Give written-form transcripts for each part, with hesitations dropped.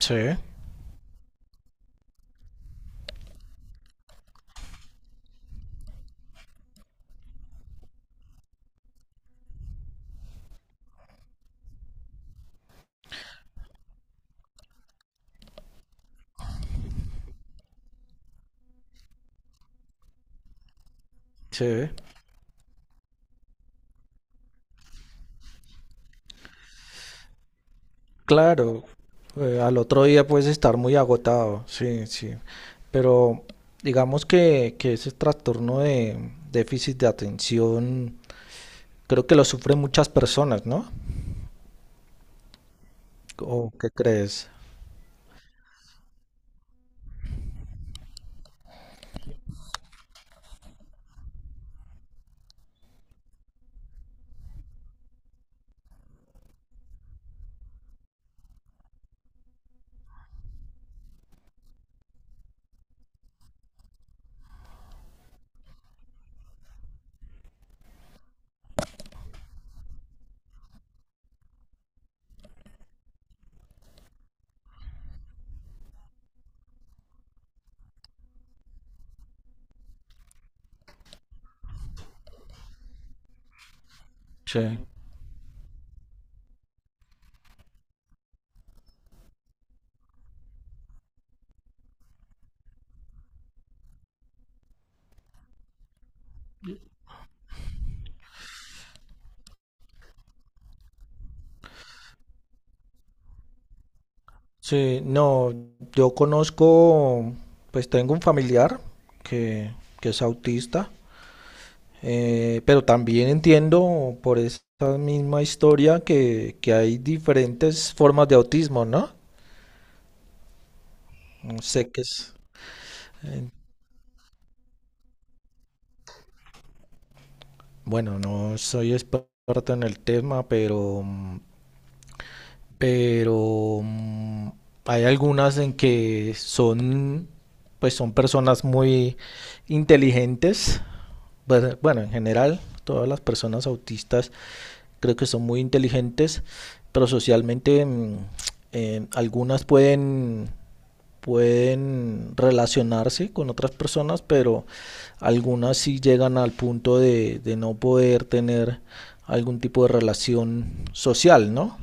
Sí, sí, claro. Al otro día puedes estar muy agotado, sí, sí. Pero digamos que ese trastorno de déficit de atención creo que lo sufren muchas personas, ¿no? ¿O qué crees? Sí. Sí, no, yo conozco, pues tengo un familiar que, que es autista, pero también entiendo por esa misma historia que hay diferentes formas de autismo, ¿no? Sé que es, eh, bueno, no soy experto en el tema, pero hay algunas en que son, pues son personas muy inteligentes. Bueno, bueno, en general, todas las personas autistas creo que son muy inteligentes, pero socialmente algunas pueden relacionarse con otras personas, pero algunas sí llegan al punto de no poder tener algún tipo de relación social, ¿no?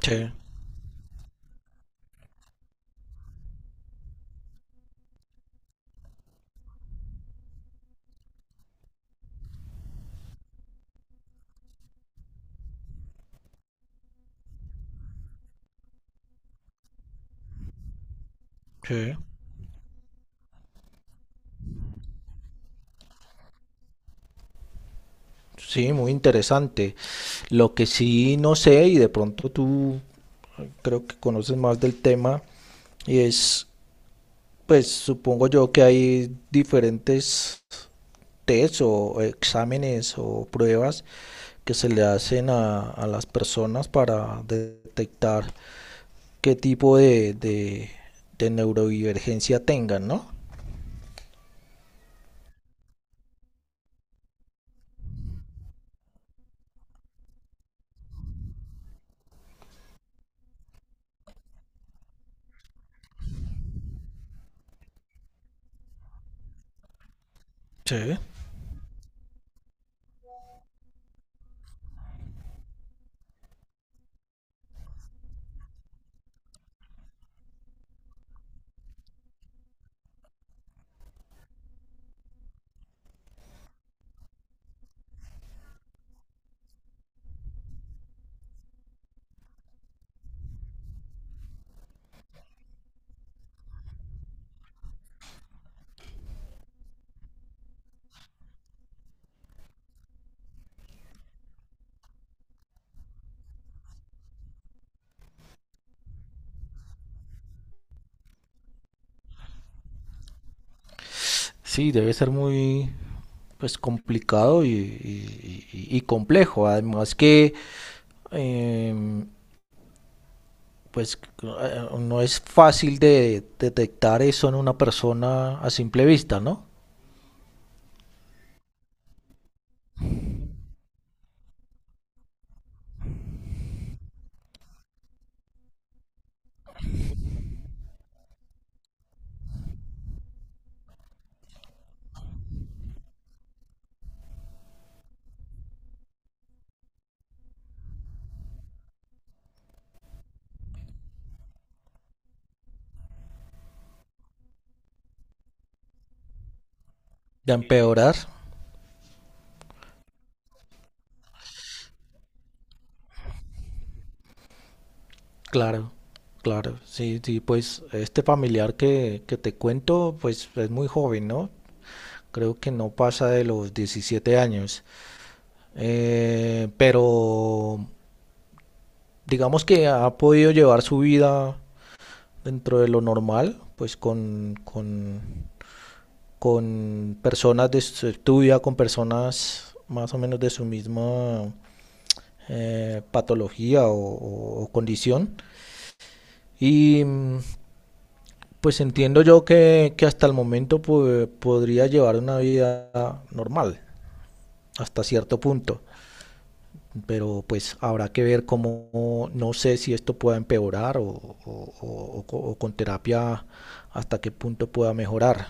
Sí, sí. Sí, muy interesante. Lo que sí no sé, y de pronto tú creo que conoces más del tema, y es, pues supongo yo que hay diferentes test o exámenes o pruebas que se le hacen a las personas para detectar qué tipo de neurodivergencia tengan, ¿no? Sí. Sí, debe ser muy pues complicado y, y complejo. Además que eh, pues no es fácil de detectar eso en una persona a simple vista, ¿no? De empeorar, claro, claro. Sí, sí, pues este familiar que te cuento, pues es muy joven, ¿no? Creo que no pasa de los 17 años. Pero digamos que ha podido llevar su vida dentro de lo normal, pues con personas de su estudia, con personas más o menos de su misma patología o, o condición. Y pues entiendo yo que hasta el momento pues, podría llevar una vida normal, hasta cierto punto. Pero pues habrá que ver cómo, no sé si esto pueda empeorar o con terapia hasta qué punto pueda mejorar.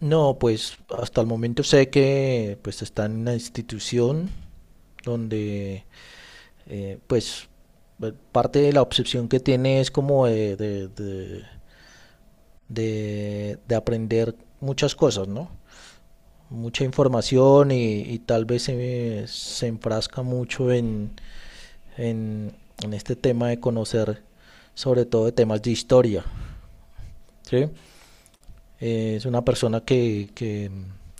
No, pues hasta el momento sé que pues está en una institución donde pues parte de la obsesión que tiene es como de aprender muchas cosas, ¿no? Mucha información y tal vez se enfrasca mucho en en, en este tema de conocer, sobre todo de temas de historia. ¿Sí? Es una persona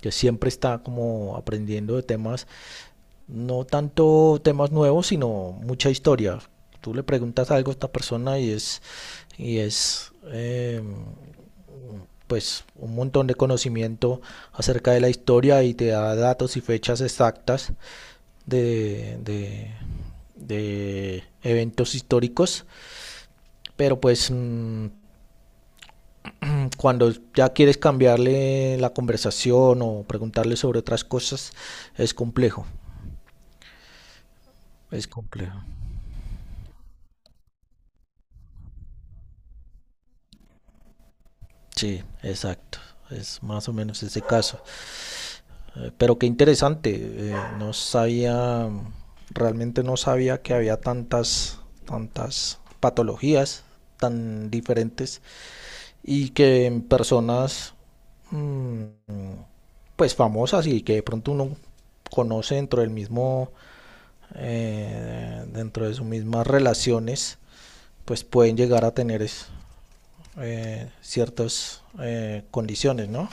que siempre está como aprendiendo de temas, no tanto temas nuevos, sino mucha historia. Tú le preguntas algo a esta persona y es pues un montón de conocimiento acerca de la historia y te da datos y fechas exactas de, de, de eventos históricos, pero pues cuando ya quieres cambiarle la conversación o preguntarle sobre otras cosas, es complejo, es complejo. Sí, exacto. Es más o menos ese caso. Pero qué interesante. No sabía, realmente no sabía que había tantas, tantas patologías tan diferentes, y que en personas mm, pues famosas y que de pronto uno conoce dentro del mismo dentro de sus mismas relaciones, pues pueden llegar a tener ciertas condiciones, ¿no?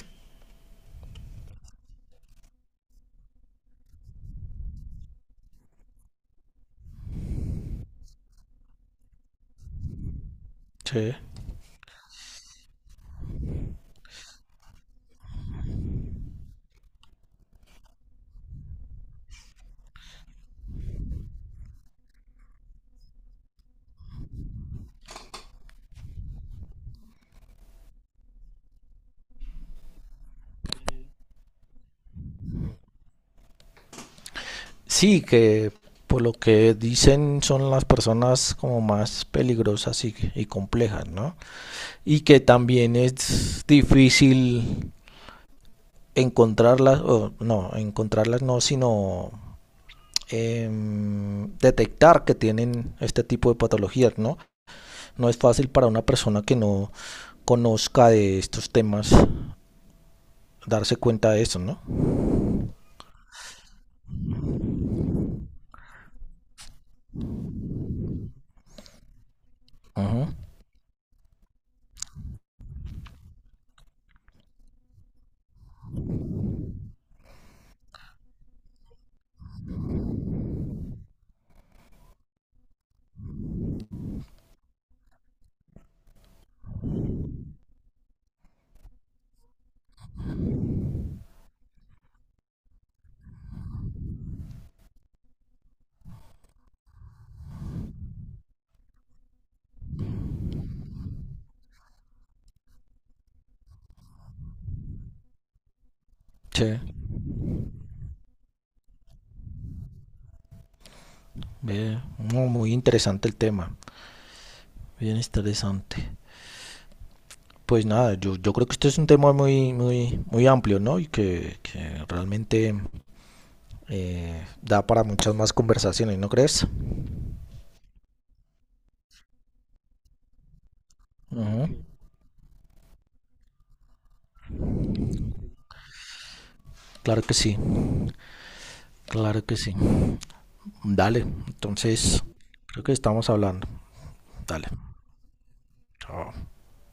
Sí. Sí, que por lo que dicen son las personas como más peligrosas y complejas, ¿no? Y que también es difícil encontrarlas, o no, encontrarlas no, sino eh, detectar que tienen este tipo de patologías, ¿no? No es fácil para una persona que no conozca de estos temas darse cuenta de eso, ¿no? Ajá. Sí, ve, no, muy interesante el tema, bien interesante. Pues nada, yo creo que este es un tema muy, muy, muy amplio, ¿no? Y que realmente da para muchas más conversaciones, ¿no crees? Ajá. Claro que sí, claro que sí. Dale, entonces creo que estamos hablando. Dale, chao.